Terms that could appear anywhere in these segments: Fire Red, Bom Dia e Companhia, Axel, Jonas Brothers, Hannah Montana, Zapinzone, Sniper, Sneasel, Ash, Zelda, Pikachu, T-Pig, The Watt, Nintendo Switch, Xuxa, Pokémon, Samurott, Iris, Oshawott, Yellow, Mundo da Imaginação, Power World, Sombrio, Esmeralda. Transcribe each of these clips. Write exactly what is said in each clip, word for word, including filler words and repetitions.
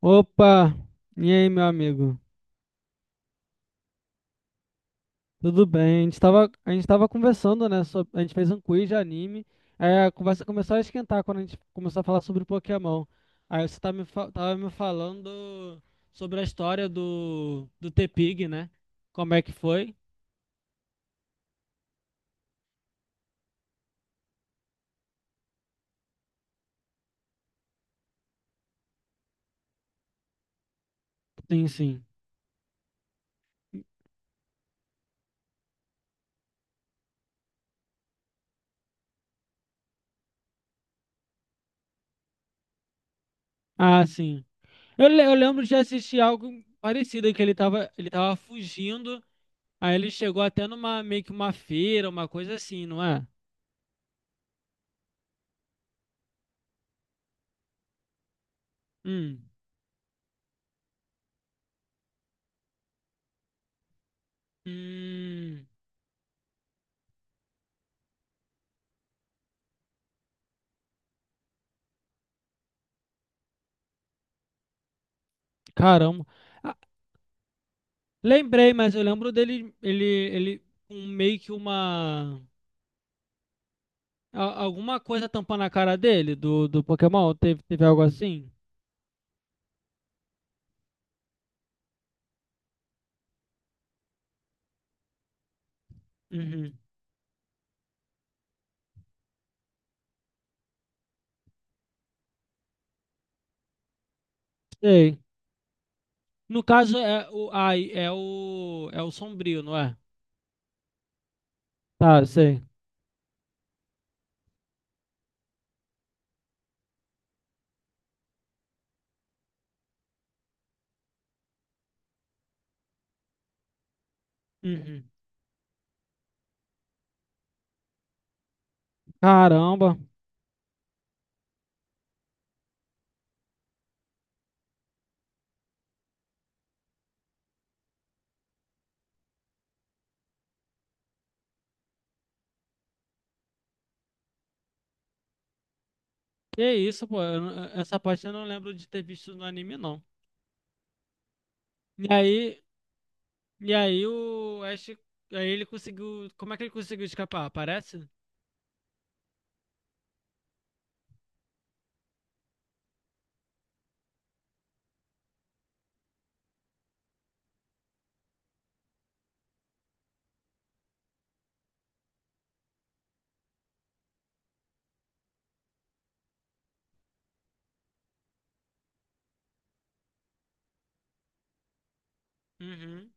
Opa! E aí, meu amigo? Tudo bem? A gente tava, a gente tava conversando, né? Sob- a gente fez um quiz de anime. Aí a conversa começou a esquentar quando a gente começou a falar sobre Pokémon. Aí você tá me, fa- tava me falando sobre a história do, do T-Pig, né? Como é que foi? Sim, sim. Ah, sim. Eu, le- eu lembro de assistir algo parecido, que ele tava, ele tava fugindo, aí ele chegou até numa, meio que uma feira, uma coisa assim, não é? Hum. Hum. Caramba. Ah, lembrei, mas eu lembro dele, ele, ele, um, meio que uma, a- alguma coisa tampando a cara dele, do, do Pokémon, teve, teve algo assim? Uhum. Sei. No caso, é o, ai, é o, é o Sombrio, não é? Tá, sei. Uhum. Caramba. Que isso, pô, eu não- Essa parte eu não lembro de ter visto no anime, não. E aí, e aí o Ash, aí ele conseguiu, como é que ele conseguiu escapar? Aparece? Uhum.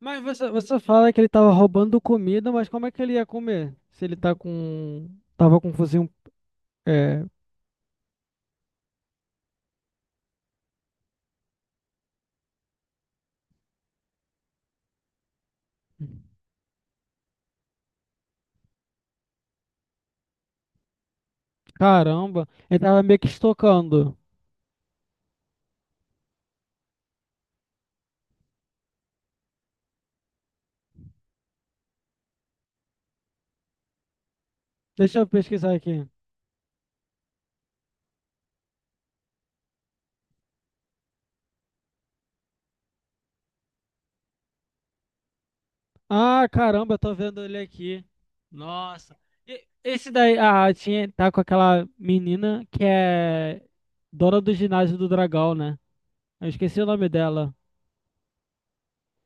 Mas você, você fala que ele tava roubando comida, mas como é que ele ia comer? Se ele tá com. Tava com fuzil. É... Caramba, ele tava meio que estocando. Deixa eu pesquisar aqui. Ah, caramba, eu tô vendo ele aqui. Nossa. E- esse daí. Ah, tinha, tá com aquela menina que é dona do ginásio do Dragão, né? Eu esqueci o nome dela.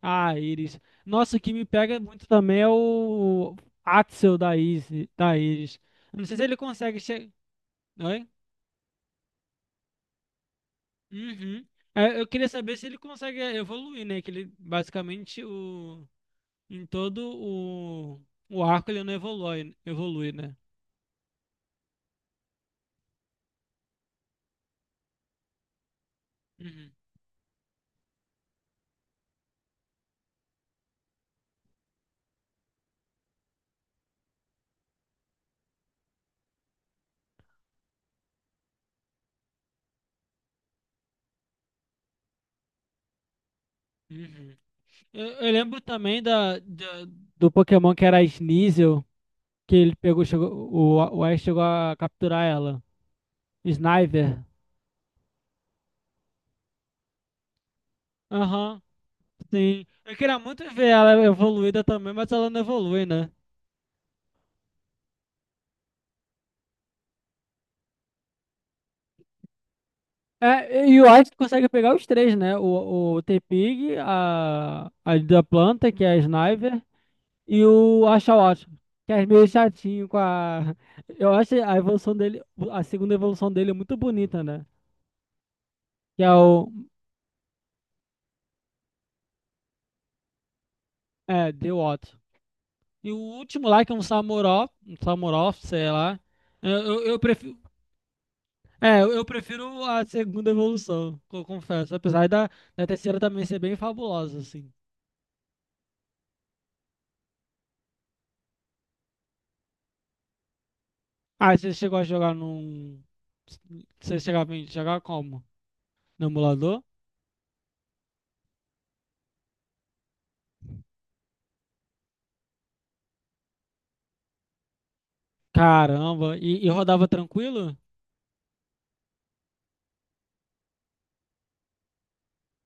Ah, Iris. Nossa, o que me pega muito também é o Axel da Isis, da Iris. Eu não sei se ele consegue chegar. Oi? Uhum. É, eu queria saber se ele consegue evoluir, né? Que ele basicamente o... em todo o... o arco ele não evolui, evolui, né? Uhum. Uhum. Eu, eu lembro também da, da- do Pokémon que era a Sneasel, que ele pegou, chegou, o, o Ash chegou a capturar ela. Sniper. Aham. Sim. Eu queria muito ver ela evoluída também, mas ela não evolui, né? É, e o White consegue pegar os três, né? O, o T-Pig, a, a da planta, que é a Sniper, e o Oshawott, que é meio chatinho com a. Eu acho a evolução dele, a segunda evolução dele é muito bonita, né? Que é o. É, The Watt. E o último lá, que é um Samurott, um Samurott, sei lá. Eu, eu, eu prefiro, É, eu eu prefiro a segunda evolução, co- confesso. Apesar da, da terceira também ser bem fabulosa, assim. Ah, você chegou a jogar num. Você chegava a jogar como? No emulador? Caramba, e, e rodava tranquilo?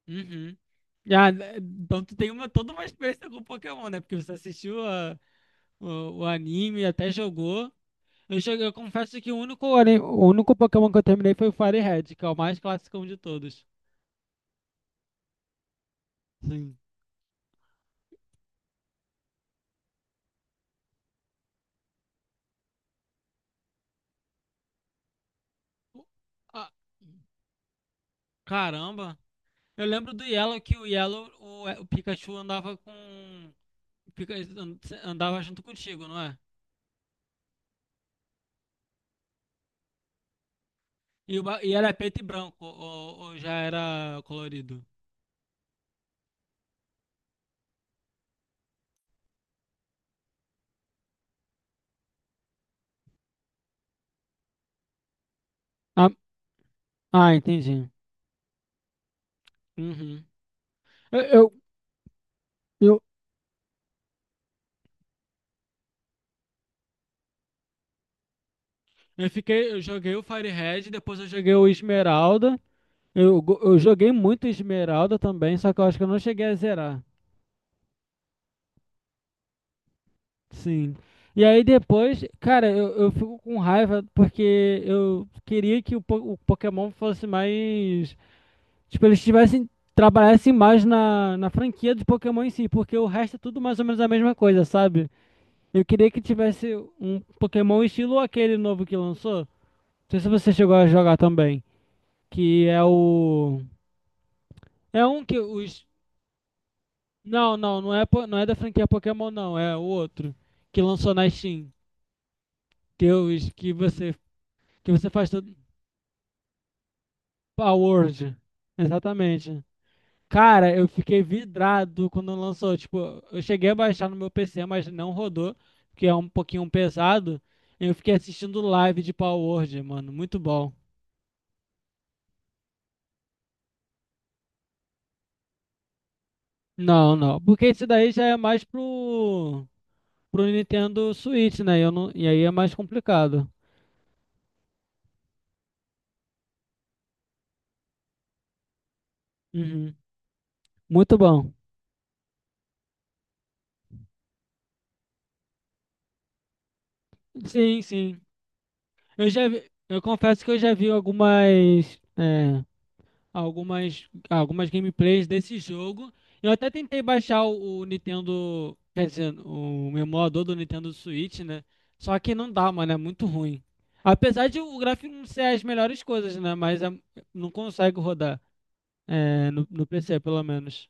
Uhum. Ah, né, então tu tem uma, toda uma experiência com Pokémon, né? Porque você assistiu a- o, o anime, até jogou. Eu, cheguei, eu confesso que o único, ani- o único Pokémon que eu terminei foi o Fire Red, que é o mais clássico de todos. Sim. Ah, caramba! Eu lembro do Yellow que o Yellow, o, o Pikachu andava com. o Pika- Andava junto contigo, não é? E, o ba- e era preto e branco, ou, ou já era colorido? Ah, ah, entendi. Uhum. Eu, eu, eu, eu fiquei, eu joguei o Fire Red, depois eu joguei o Esmeralda. Eu, go- eu joguei muito Esmeralda também, só que eu acho que eu não cheguei a zerar. Sim. E aí depois, cara, eu, eu fico com raiva porque eu queria que o, po- o Pokémon fosse mais. Tipo, eles tivessem, trabalhassem mais na, na franquia de Pokémon em si, porque o resto é tudo mais ou menos a mesma coisa, sabe? Eu queria que tivesse um Pokémon estilo aquele novo que lançou. Não sei se você chegou a jogar também. Que é o. É um que os. Não, não, não é, po- não é da franquia Pokémon, não. É o outro. Que lançou na Steam. Que, é os, que você. Que você faz tudo. Power World. Exatamente. Cara, eu fiquei vidrado quando lançou. Tipo, eu cheguei a baixar no meu P C, mas não rodou, porque é um pouquinho pesado. Eu fiquei assistindo live de Power Word, mano. Muito bom. Não, não. Porque esse daí já é mais pro, pro Nintendo Switch, né? Eu não, e aí é mais complicado. Uhum. Muito bom. Sim, sim. Eu já vi, eu confesso que eu já vi algumas. É, algumas, algumas gameplays desse jogo. Eu até tentei baixar o, o Nintendo, quer dizer, o emulador do Nintendo Switch, né? Só que não dá, mano, é muito ruim. Apesar de o gráfico não ser as melhores coisas, né? Mas é- não consegue rodar, é, no, no P C, pelo menos.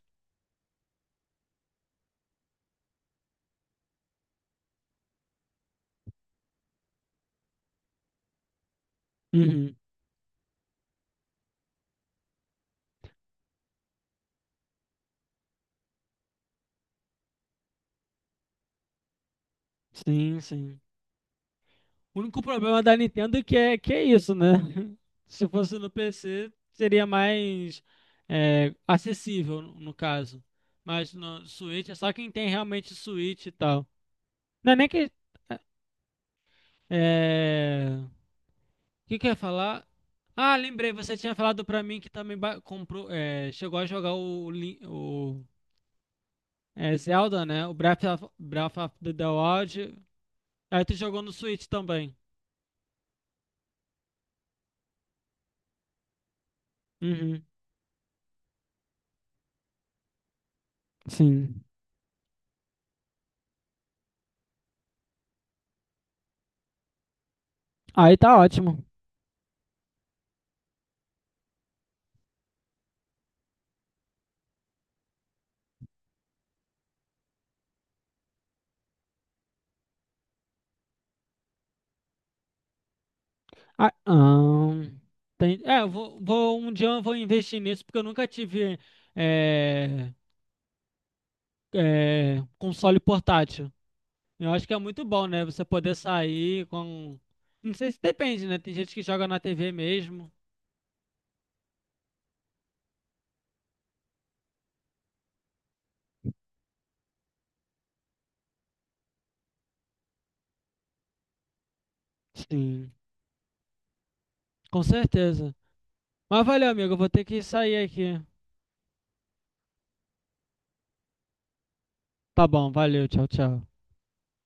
Uhum. Sim, sim. O único problema da Nintendo é que é que é isso, né? Se fosse no P C, seria mais é, acessível, no no caso. Mas no Switch é só quem tem realmente Switch e tal. Não é nem que. É... é, o que que eu ia falar? Ah, lembrei, você tinha falado pra mim que também ba- comprou, é, chegou a jogar o, Lin- o é, Zelda, né? O Breath of, Breath of the the Wild. Aí tu jogou no Switch também. Uhum, sim. Aí tá ótimo. Ah, ahn, tem- é, eu vou, vou- um dia eu vou investir nisso porque eu nunca tive é, é, console portátil. Eu acho que é muito bom, né? Você poder sair com. Não sei se depende, né? Tem gente que joga na T V mesmo. Sim, com certeza. Mas valeu, amigo. Eu vou ter que sair aqui. Tá bom, valeu. Tchau, tchau.